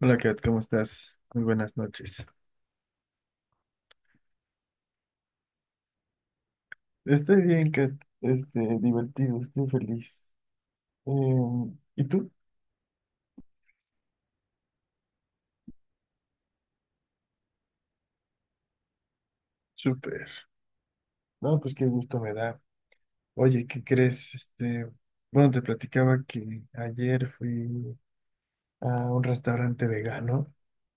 Hola Kat, ¿cómo estás? Muy buenas noches. Estoy bien, Kat. Divertido, estoy feliz. ¿Y tú? Súper. No, pues qué gusto me da. Oye, ¿qué crees? Bueno, te platicaba que ayer fui a un restaurante vegano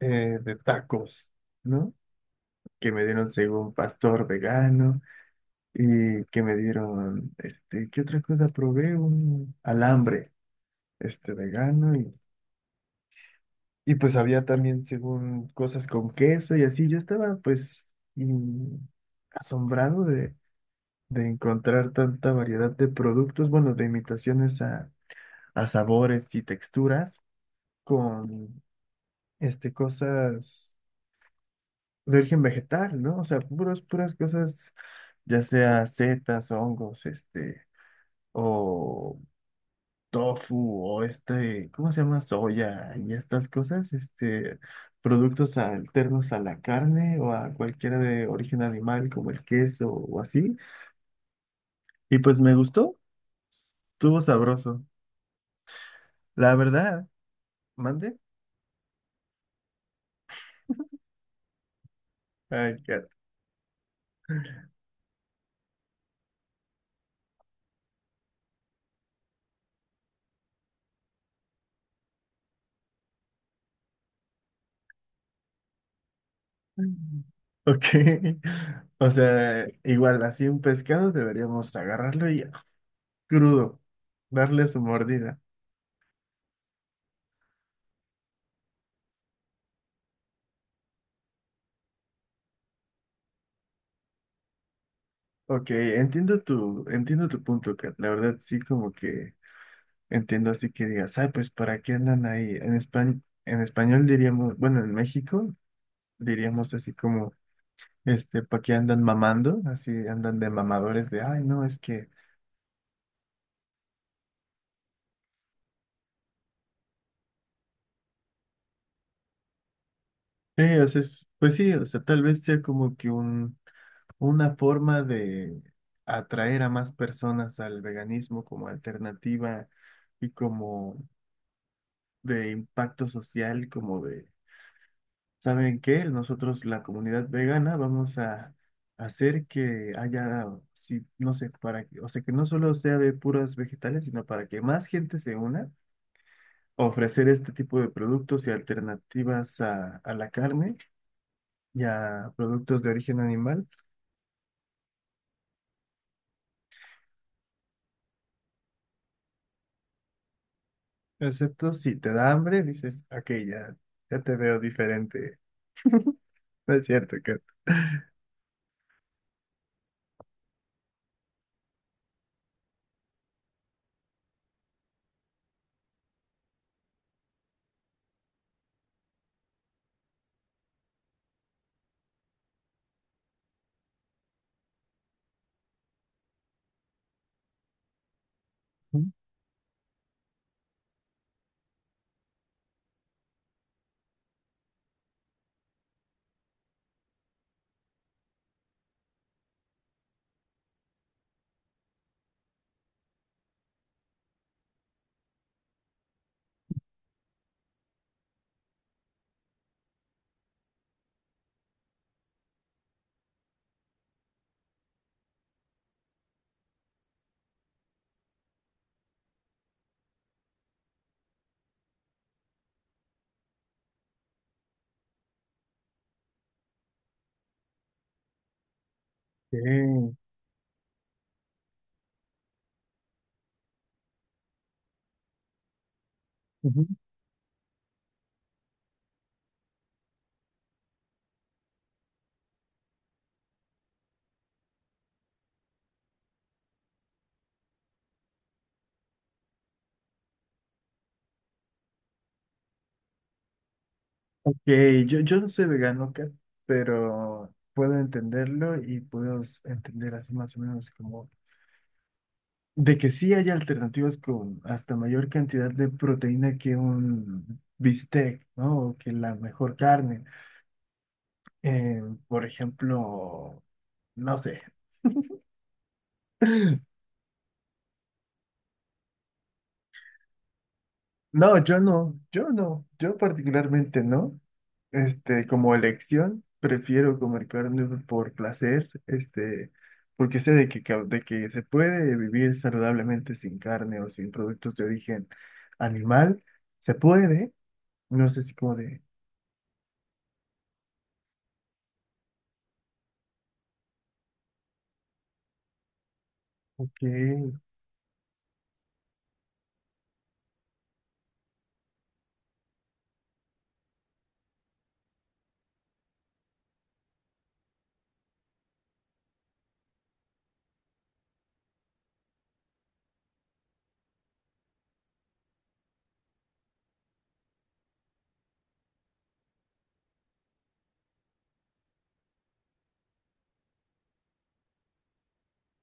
de tacos, ¿no? Que me dieron según pastor vegano y que me dieron, ¿qué otra cosa probé? Un alambre, vegano. Y pues había también, según cosas con queso y así, yo estaba pues mm, asombrado de encontrar tanta variedad de productos, bueno, de imitaciones a sabores y texturas con cosas de origen vegetal, ¿no? O sea, puras cosas, ya sea setas, hongos, o tofu o ¿cómo se llama? Soya y estas cosas, productos alternos a la carne o a cualquiera de origen animal como el queso o así. Y pues me gustó, estuvo sabroso. La verdad, mande. Ay, qué- Mm. Ok, o sea, igual así un pescado deberíamos agarrarlo y crudo, darle su mordida. Ok, entiendo tu punto, Kat. La verdad sí como que entiendo así que digas, ah, pues ¿para qué andan ahí? En España, en español diríamos, bueno, en México diríamos así como, ¿para qué andan mamando? Así andan de mamadores de, ay, no, es que, sí, o sea, es- pues sí, o sea, tal vez sea como que una forma de atraer a más personas al veganismo como alternativa y como de impacto social, como de ¿saben qué? Nosotros, la comunidad vegana, vamos a hacer que haya, sí, no sé, para que, o sea, que no solo sea de puras vegetales, sino para que más gente se una, ofrecer este tipo de productos y alternativas a la carne y a productos de origen animal, excepto si te da hambre, dices, ok, ya, ya te veo diferente. No es cierto, que... Ok. Ok, yo no soy vegano acá, pero puedo entenderlo y puedo s- entender así más o menos como de que sí hay alternativas con hasta mayor cantidad de proteína que un bistec, ¿no? O que la mejor carne. Eh, por ejemplo, no sé. No, yo particularmente no. Como elección, prefiero comer carne por placer, porque sé de que, ca- de que se puede vivir saludablemente sin carne o sin productos de origen animal, se puede, no sé si como de, ok,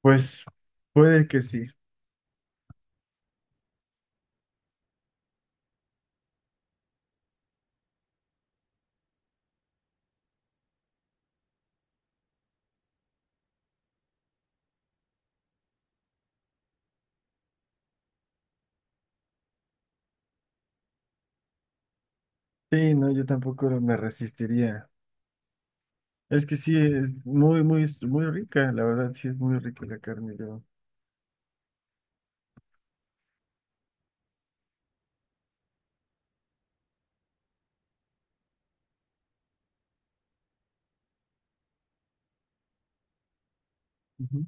pues puede que sí. Sí, no, yo tampoco me resistiría. Es que sí, es muy, muy, muy rica, la verdad, sí es muy rica la carne, yo. Ujú.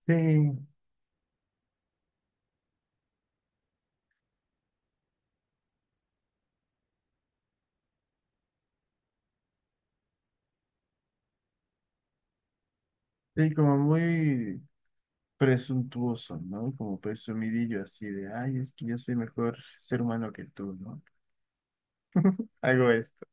Sí, sí, como muy presuntuoso, ¿no? Como presumidillo así de, ay, es que yo soy mejor ser humano que tú, ¿no? Hago esto.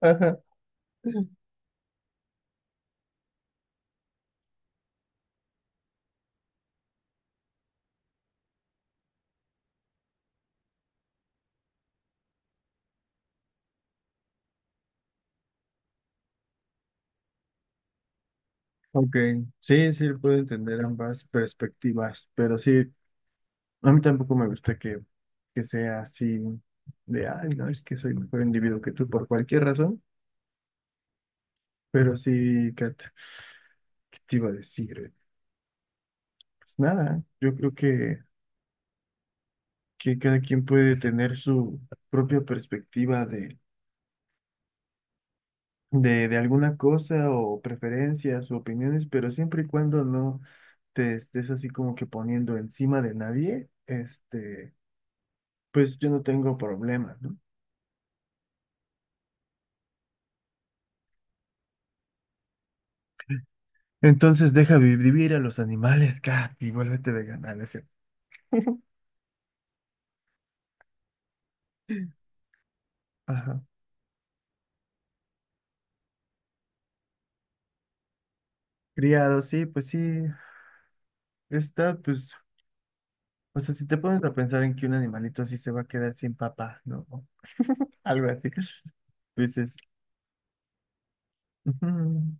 Ajá. Ok, sí, sí, puedo entender ambas perspectivas, pero sí, a mí tampoco me gusta que sea así de, ay, no, es que soy mejor individuo que tú por cualquier razón, pero sí, Kat, ¿qué te iba a decir? Pues nada, yo creo que cada quien puede tener su propia perspectiva de alguna cosa o preferencias o opiniones, pero siempre y cuando no te estés así como que poniendo encima de nadie, pues yo no tengo problema, ¿no? Entonces deja vi- vivir a los animales, Kat, y vuélvete vegana, ¿no es cierto? Ajá. Criado, sí, pues sí, está, pues, o sea, si te pones a pensar en que un animalito así se va a quedar sin papá, ¿no? O algo así, pues es... ujú.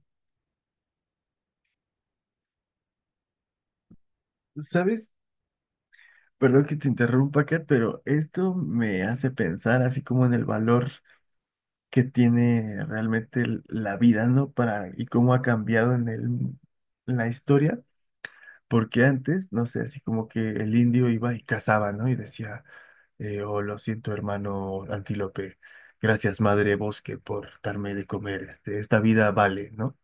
¿Sabes? Perdón que te interrumpa, Kat, pero esto me hace pensar así como en el valor que tiene realmente el- la vida, ¿no? Para, y cómo ha cambiado en el, en la historia, porque antes, no sé, así como que el indio iba y cazaba, ¿no? Y decía, oh, lo siento, hermano antílope, gracias, madre bosque, por darme de comer, esta vida vale, ¿no?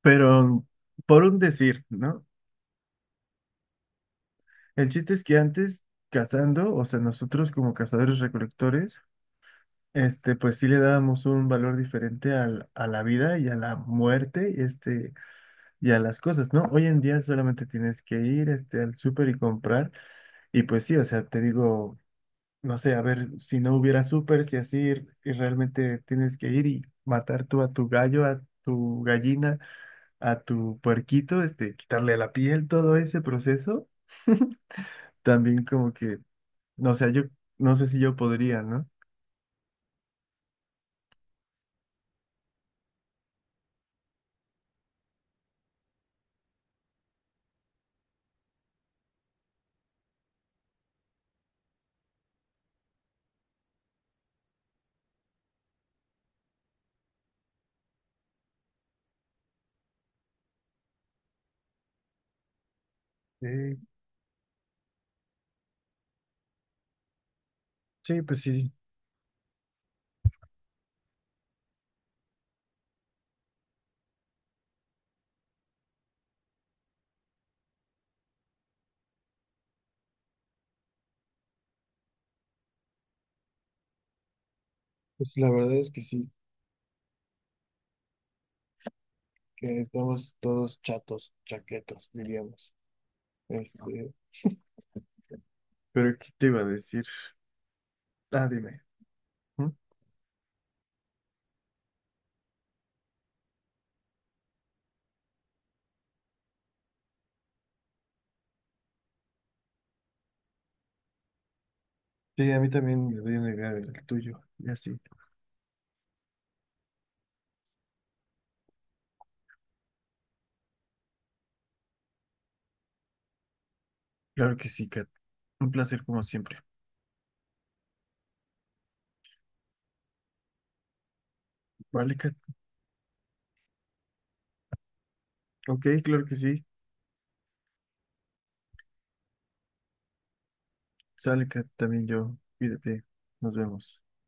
Pero por un decir, ¿no? El chiste es que antes, cazando, o sea, nosotros como cazadores recolectores, pues sí le dábamos un valor diferente al- a la vida y a la muerte, y a las cosas, ¿no? Hoy en día solamente tienes que ir, al súper y comprar, y pues sí, o sea, te digo, no sé, a ver, si no hubiera súper, si así, y realmente tienes que ir y matar tú a tu gallo, a tu gallina, a tu puerquito, quitarle la piel, todo ese proceso, también como que, no sé, yo, no sé si yo podría, ¿no? Sí, sí, pues la verdad es que sí. Que estamos todos chatos, chaquetos, diríamos. Este, pero ¿qué te iba a decir? Ah, dime. ¿Mm? Sí, a mí también me doy una idea del tuyo. Y así. Claro que sí, Kat. Un placer como siempre. Vale, Kat. Ok, claro que sí. Sale, Kat, también yo. Cuídate. Nos vemos.